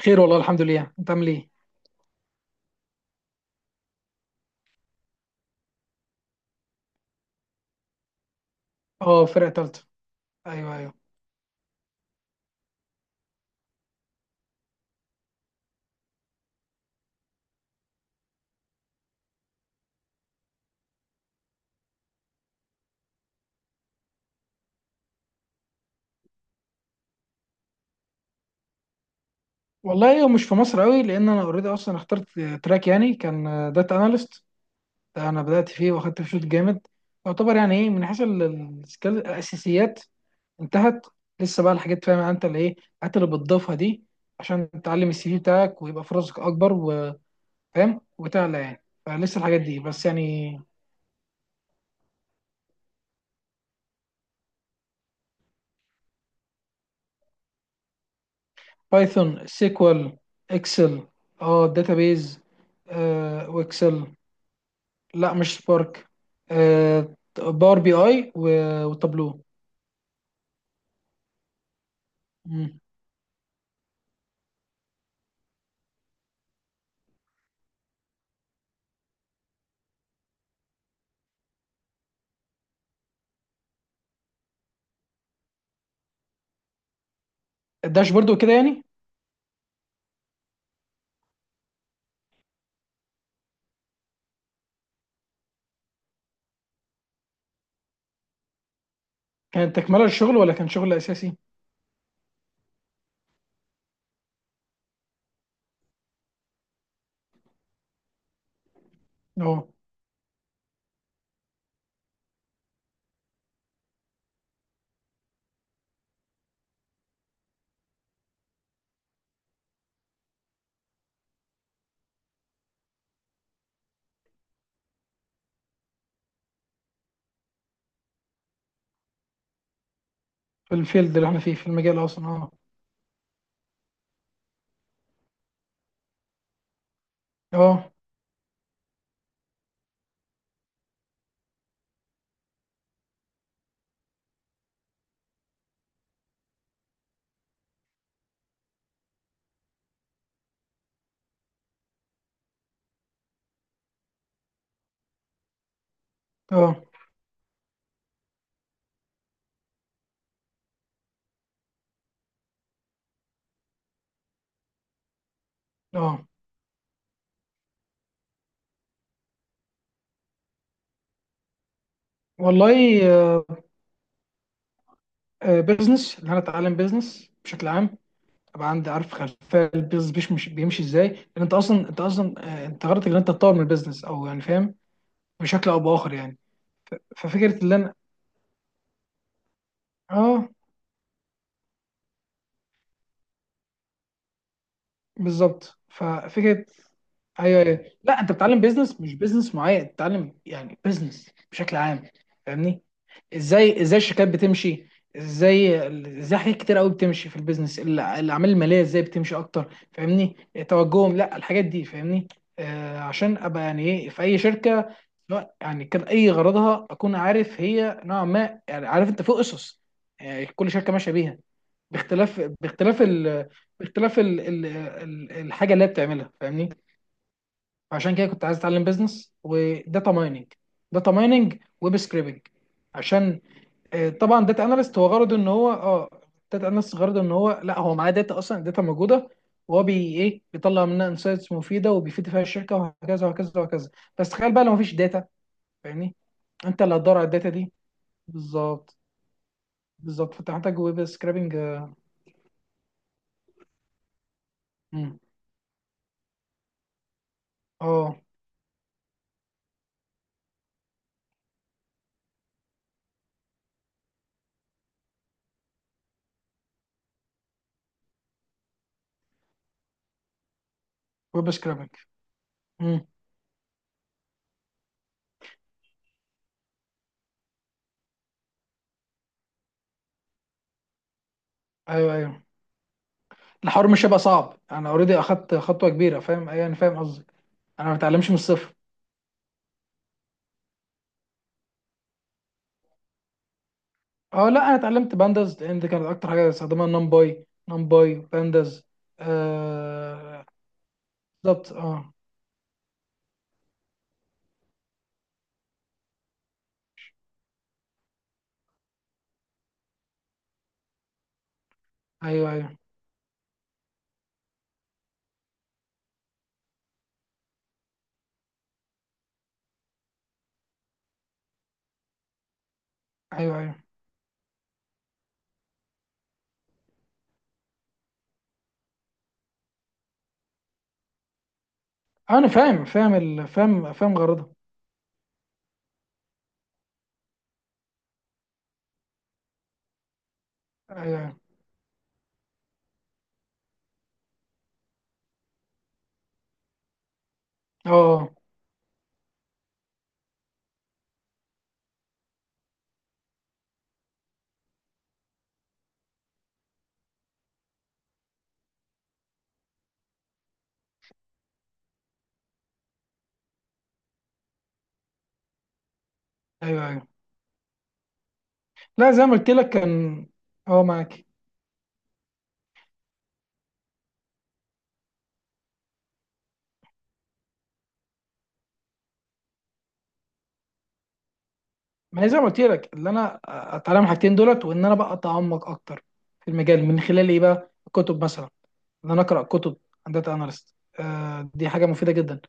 خير والله الحمد لله. انت عامل ايه؟ اه، فرقه ثالثه. ايوه، ايوه. والله هو مش في مصر قوي، لان انا اوريدي اصلا اخترت تراك يعني، كان داتا اناليست. ده انا بدات فيه واخدت فيه شوط جامد. يعتبر يعني ايه، من حيث الاساسيات انتهت. لسه بقى الحاجات، فاهم يعني انت، اللي ايه الحاجات اللي بتضيفها دي عشان تعلم السي في بتاعك ويبقى فرصك اكبر، وفاهم وتعلى يعني فلسه الحاجات دي بس يعني. بايثون، سيكوال، اكسل، اه داتابيز، واكسل. لا، مش سبارك. باور بي اي وتابلو. مم. الداشبورد وكده يعني. كانت تكملة للشغل ولا كان شغل أساسي؟ اه، في الفيلد اللي احنا فيه في المجال أصلا. اه، اه، اه، اه. والله، آه، بيزنس، اللي أنا أتعلم بيزنس بشكل عام. أبقى عندي عارف خلفية البيزنس، بيمشي إزاي، لأن أنت أصلا أنت أصلا. أنت غرضك إن أنت تطور من البيزنس، أو يعني فاهم بشكل أو بآخر يعني. ففكرة اللي أنا، اه بالظبط، ففكرة. ايوه، ايوه، لا انت بتتعلم بيزنس، مش بيزنس معين، بتتعلم يعني بيزنس بشكل عام، فاهمني. ازاي ازاي الشركات بتمشي، ازاي ازاي حاجات كتير قوي بتمشي في البيزنس، الاعمال الماليه ازاي بتمشي اكتر، فاهمني توجههم لا الحاجات دي، فاهمني. آه، عشان ابقى يعني ايه، في اي شركه، سواء يعني كان اي غرضها، اكون عارف هي نوعا ما، يعني عارف انت، في اسس يعني كل شركه ماشيه بيها، باختلاف الحاجه اللي هي بتعملها، فاهمني. عشان كده كنت عايز اتعلم بيزنس وداتا مايننج، داتا مايننج، ويب سكريبنج. عشان، طبعا داتا اناليست هو غرضه ان هو، داتا اناليست غرضه ان هو، لا هو معاه داتا اصلا، داتا موجوده، وهو بي ايه بيطلع منها انسايتس مفيده، وبيفيد فيها الشركه، وهكذا وهكذا وهكذا. بس تخيل بقى لو مفيش داتا، فاهمني. انت اللي هتدور على الداتا دي، بالظبط. بالظبط، فانت محتاج ويب سكريبنج، اه. مم. آه، ويب سكريبنج. مم. ايوه، ايوه، الحوار مش هيبقى صعب، انا اوريدي اخدت خطوه كبيره، فاهم أيوة، انا فاهم قصدي. انا ما بتعلمش من الصفر. اه، لا انا اتعلمت بانداز، لان دي كانت اكتر حاجه بستخدمها، نمباي، نمباي بانداز. آه بالظبط، اه. ايوه، ايوه. ايوه، ايوه. انا فاهم فاهم فاهم فاهم غرضها. ايوه، ايوه، اه، ايوه، ايوه. لا زي ما قلت لك كان، اه معاك. ما هي زي ما قلت لك، اللي انا اتعلم الحاجتين دولت وان انا بقى اتعمق اكتر في المجال، من خلال ايه بقى، الكتب مثلا. ان انا اقرا كتب عن داتا اناليست، آه دي حاجه مفيده جدا.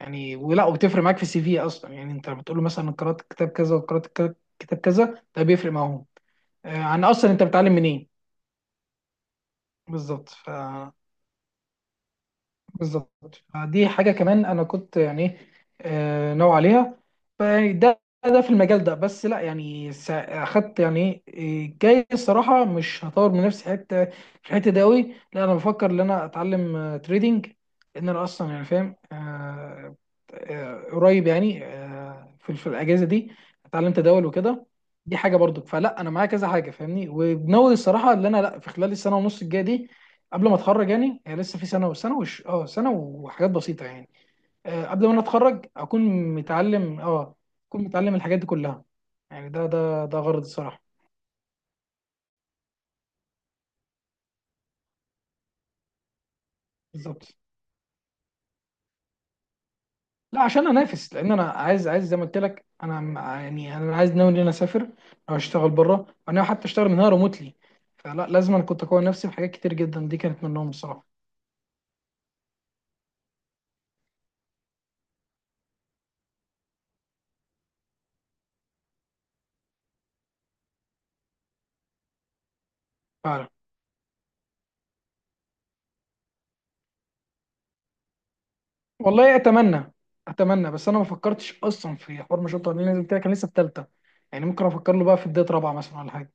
يعني، ولا وبتفرق معاك في السي في اصلا؟ يعني انت بتقول له مثلا قرات كتاب كذا وقرات كتاب كذا، ده بيفرق معاهم؟ آه، عن اصلا انت بتتعلم منين. بالظبط، بالظبط، دي حاجة كمان أنا كنت يعني ناوي عليها. فيعني ده في المجال ده، بس لا يعني، أخدت يعني إيه، جاي الصراحة مش هطور من نفسي حتة في الحتة دي أوي. لا أنا بفكر إن أنا أتعلم تريدينج، لأن أنا أصلا يعني فاهم، قريب يعني، في الأجازة دي أتعلم تداول وكده. دي حاجة برضك، فلا أنا معايا كذا حاجة فاهمني، وناوي الصراحة إن أنا لا، في خلال السنة ونص الجاية دي قبل ما اتخرج. يعني هي لسه في سنه، وسنه وش اه سنه وحاجات بسيطه يعني. آه، قبل ما انا اتخرج، متعلم اه اكون متعلم الحاجات دي كلها. يعني ده غرض الصراحه. بالظبط. لا عشان انافس، لان انا عايز، زي ما قلت لك انا، يعني انا عايز ناوي ان انا اسافر او اشتغل بره، انا حتى اشتغل من هنا ريموتلي. فلا لازم أنا كنت اقوي نفسي بحاجات كتير جدا، دي كانت منهم الصراحه. فعلا. والله اتمنى، بس انا ما فكرتش اصلا في حوار مشروع التخرج، لأن زي ما قلت لك انا لسه في ثالثه، يعني ممكن افكر له بقى في بدايه رابعه مثلا ولا حاجه.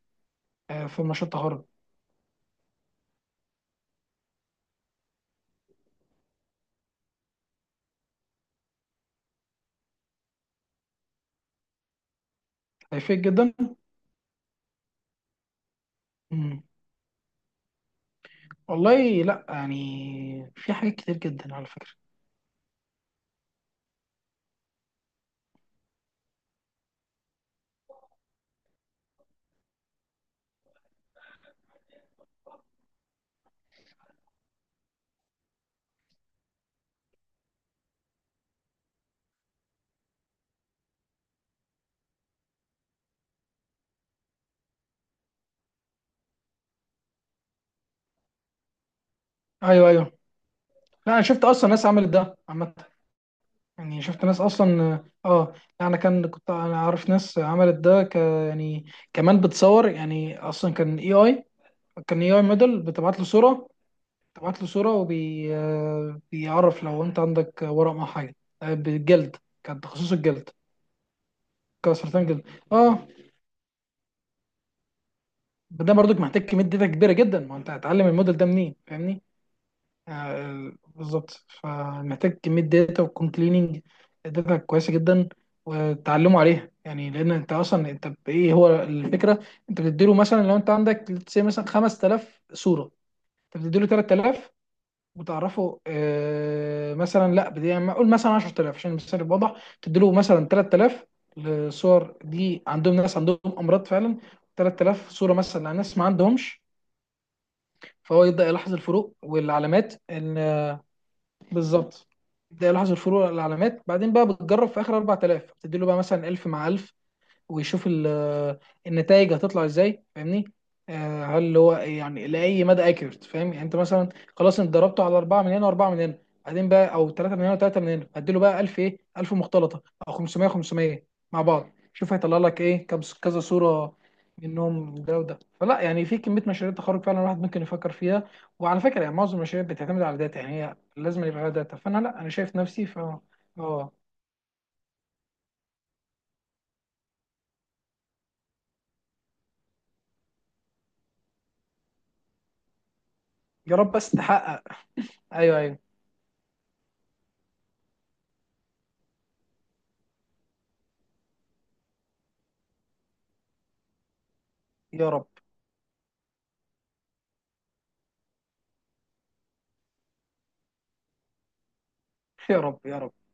آه، في مشروع التخرج هيفيد جدا. مم. والله لا، يعني في حاجات كتير جدا على فكرة. ايوه، ايوه، لا انا شفت اصلا ناس عملت ده عامة، يعني شفت ناس اصلا، اه. انا كنت انا عارف ناس عملت ده، يعني كمان بتصور، يعني اصلا كان اي، كان اي موديل بتبعت له صورة، بتبعت له صورة وبي آه، بيعرف لو انت عندك ورق مع حاجة، آه، بالجلد. كان تخصصه الجلد، كان سرطان جلد. اه، ده برضك محتاج كميه داتا كبيره جدا، ما انت هتعلم الموديل ده منين، فاهمني. آه بالظبط، فمحتاج كميه داتا، ويكون كليننج داتا كويسه جدا وتعلموا عليها يعني. لان انت اصلا، بايه هو الفكره، انت بتديله مثلا، لو انت عندك say مثلا 5000 صوره، انت بتديله 3000 وتعرفه، آه مثلا لا، بدي يعني اقول مثلا 10000 عشان المثال يبقى واضح، تديله مثلا 3000 لصور دي، عندهم ناس عندهم امراض فعلا، 3000 صوره مثلا لناس ما عندهمش، فهو يبدأ يلاحظ الفروق والعلامات ان، آه، بالظبط. يبدأ يلاحظ الفروق والعلامات، بعدين بقى بتجرب في اخر 4000، بتدي له بقى مثلا 1000 مع 1000، ويشوف النتائج هتطلع ازاي، فاهمني. آه، هل هو يعني لاي مدى اكيوريت، فاهم يعني، انت مثلا خلاص انت ضربته على اربعه من هنا واربعه من هنا، بعدين بقى او ثلاثه من هنا وثلاثه من هنا، هديله بقى 1000، ايه 1000 مختلطه، او 500 500 مع بعض، شوف هيطلع لك ايه كم كذا صوره منهم، ده وده. فلا يعني في كميه مشاريع تخرج فعلا الواحد ممكن يفكر فيها، وعلى فكره يعني معظم المشاريع بتعتمد على داتا، يعني هي لازم يبقى لها داتا. فانا لا، انا شايف نفسي ف، اه. يا رب بس تحقق. ايوه، ايوه. يا رب، يا رب، يا رب.